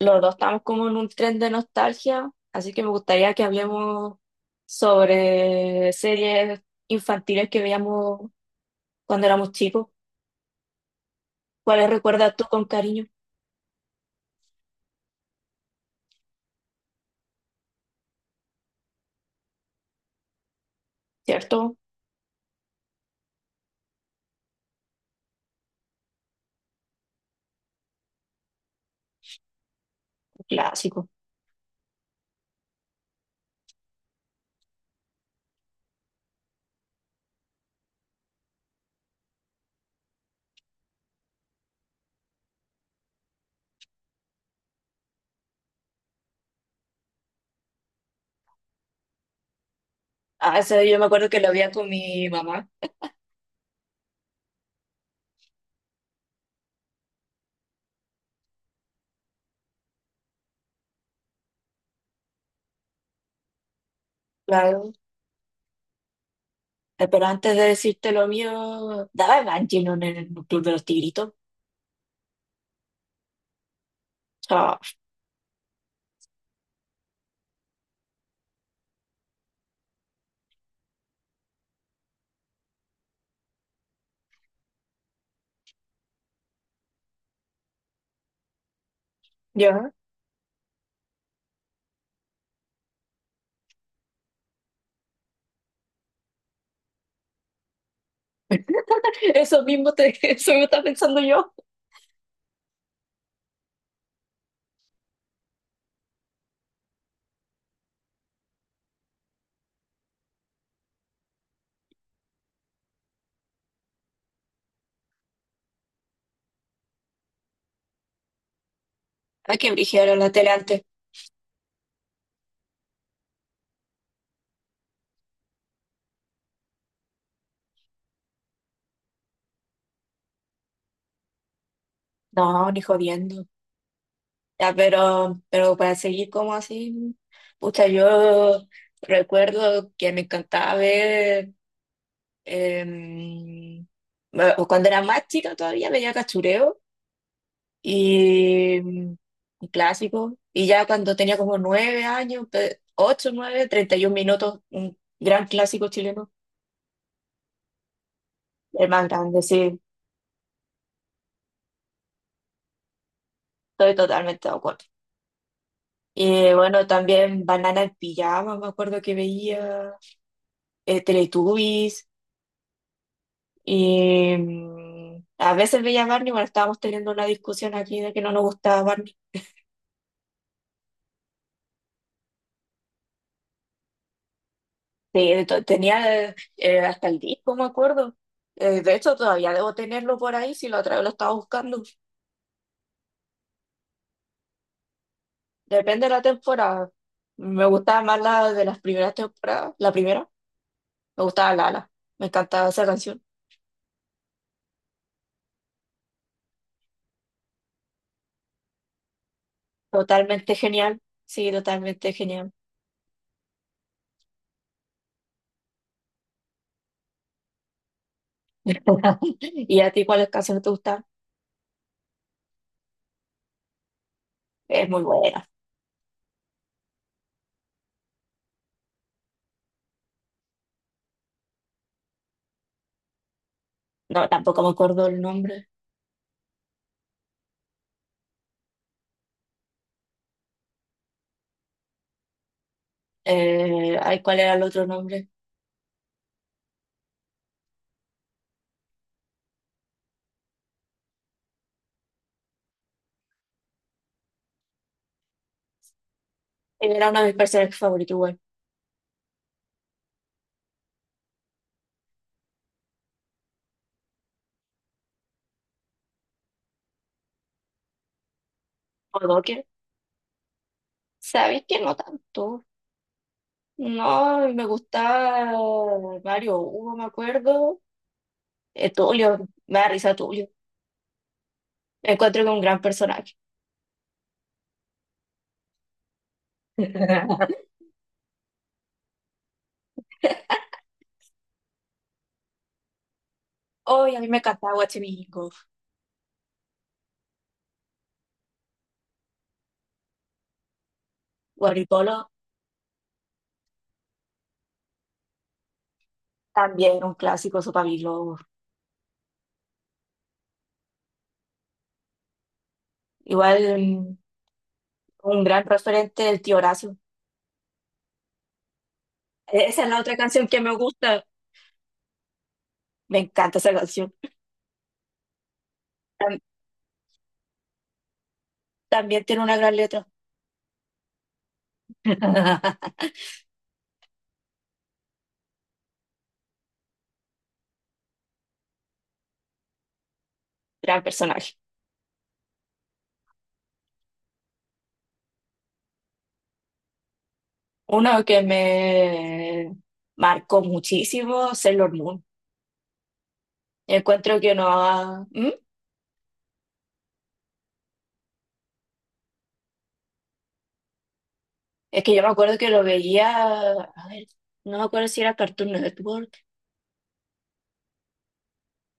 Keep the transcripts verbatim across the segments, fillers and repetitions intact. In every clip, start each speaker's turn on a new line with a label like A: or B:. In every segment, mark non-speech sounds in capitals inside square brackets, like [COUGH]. A: Los dos estamos como en un tren de nostalgia, así que me gustaría que hablemos sobre series infantiles que veíamos cuando éramos chicos. ¿Cuáles recuerdas tú con cariño? ¿Cierto? Un clásico. Ah, eso yo me acuerdo que lo veía con mi mamá, claro. Eh, pero antes de decirte lo mío, daba Evangelion en el Club de los Tigritos. Ah, ya. [LAUGHS] Eso mismo te, [LAUGHS] eso mismo estaba pensando yo. Ay, qué brígida era la tele antes. No, ni jodiendo. Ya, pero, pero para seguir como así, pucha, yo recuerdo que me encantaba ver, em, bueno, cuando era más chica todavía veía Cachureo y mm, un clásico, y ya cuando tenía como nueve años, pe- ocho, nueve, treinta y un minutos, un gran clásico chileno, el más grande, sí, estoy totalmente de acuerdo. Y bueno, también Banana en Pijama, me acuerdo que veía, eh, Teletubbies. Y mm, a veces veía a Barney, bueno, estábamos teniendo una discusión aquí de que no nos gustaba Barney. Sí, de to- tenía eh, hasta el disco, me acuerdo. Eh, de hecho, todavía debo tenerlo por ahí si lo otra vez lo estaba buscando. Depende de la temporada. Me gustaba más la de las primeras temporadas. La primera, me gustaba Lala. Me encantaba esa canción. Totalmente genial. Sí, totalmente genial. ¿Y a ti cuáles canciones te gustan? Es muy buena. No, tampoco me acuerdo el nombre. Eh, ay, ¿cuál era el otro nombre? Él era uno de mis personajes favoritos, igual. O Docker. Sabéis que no tanto. No, me gustaba Mario Hugo, me acuerdo. Eh, Tulio, me da risa Tulio. Me encuentro con un gran personaje. Hoy a mí me encantaba Guachimigo. Guaripolo, también un clásico, Sopa Globo. Igual mm, un gran referente del tío Horacio. Esa es la otra canción que me gusta. Me encanta esa canción. Tam- también tiene una gran letra. [LAUGHS] Gran personaje. Uno que me marcó muchísimo, Sailor Moon. Encuentro que no ha... ¿Mm? Es que yo me acuerdo que lo veía, a ver, no me acuerdo si era Cartoon Network,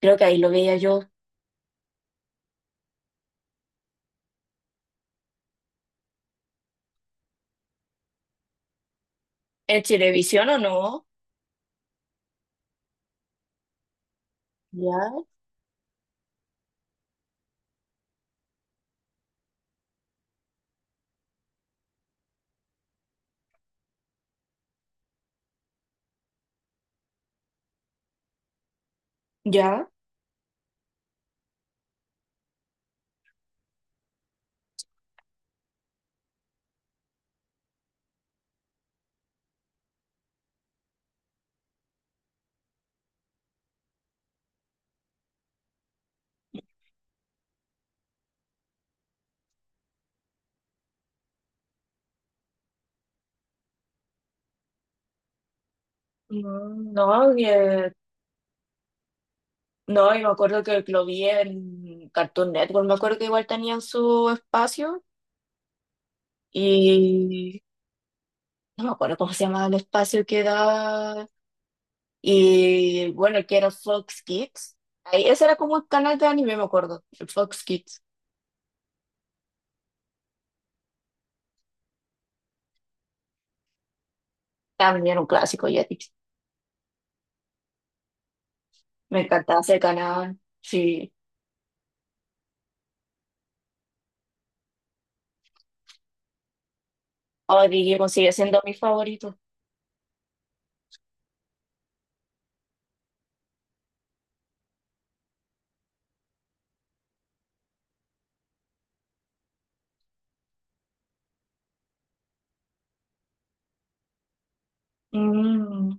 A: creo que ahí lo veía yo. ¿En televisión o no? Ya, ya. Mm, No, que- no, y me acuerdo que lo vi en Cartoon Network, me acuerdo que igual tenían su espacio y no me acuerdo cómo se llamaba el espacio que da. Y bueno, que era Fox Kids. Ahí, ese era como el canal de anime, me acuerdo. El Fox Kids. También un clásico, ya te- dije. Me encantaba ese canal. Sí. O Digimon sigue siendo mi favorito. Mm,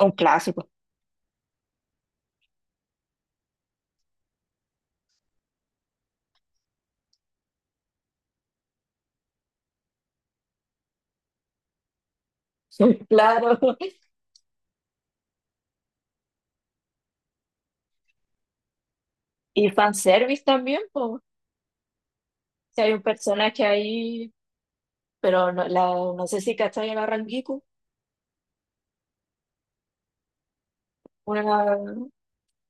A: un clásico. Sí, claro. [LAUGHS] Y fanservice también, pues. Si hay un personaje ahí, pero no, la, no sé si cachai a la Rangiku. Una,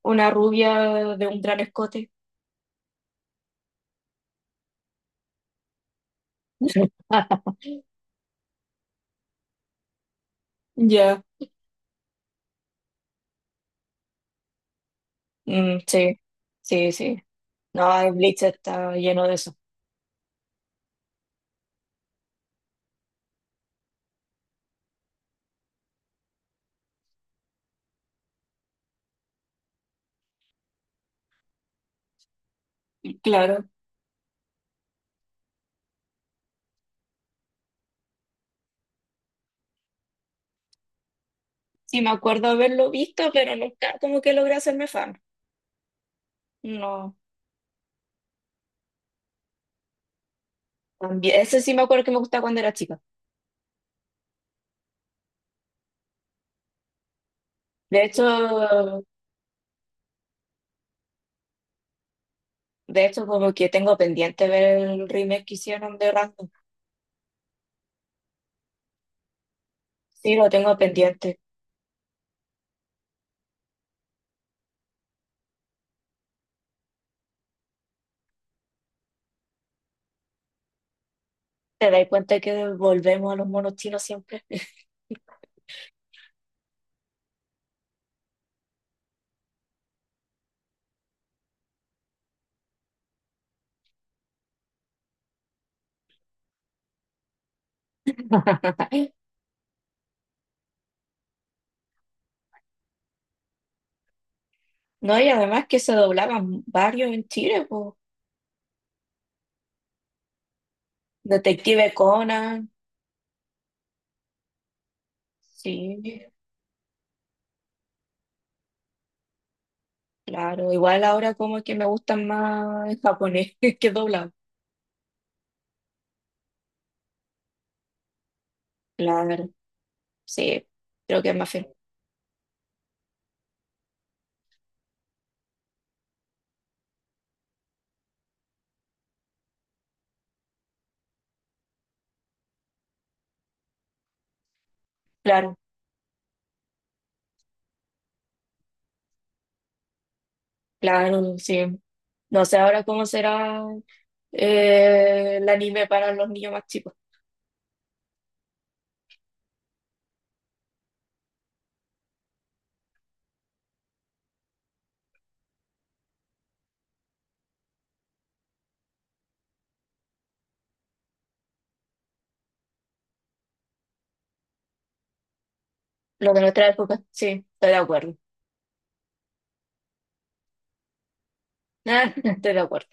A: una rubia de un gran escote. [LAUGHS] Ya. Mm, sí. Sí, sí. No, el Bleach está lleno de eso. Claro, sí me acuerdo haberlo visto, pero nunca como que logré hacerme fan. No, también, ese sí me acuerdo que me gustaba cuando era chica. De hecho, de hecho como que tengo pendiente ver el remake que hicieron de Random. Sí, lo tengo pendiente. Te das cuenta que volvemos a los monos chinos siempre. [LAUGHS] No, y además que se doblaban varios en Chile, po. Detective Conan, sí, claro. Igual ahora como que me gustan más en japonés [LAUGHS] que doblado. Claro, sí, creo que es más. Claro, claro, sí. No sé ahora cómo será eh, el anime para los niños más chicos. Lo de nuestra época, sí, estoy de acuerdo. [LAUGHS] Estoy de acuerdo.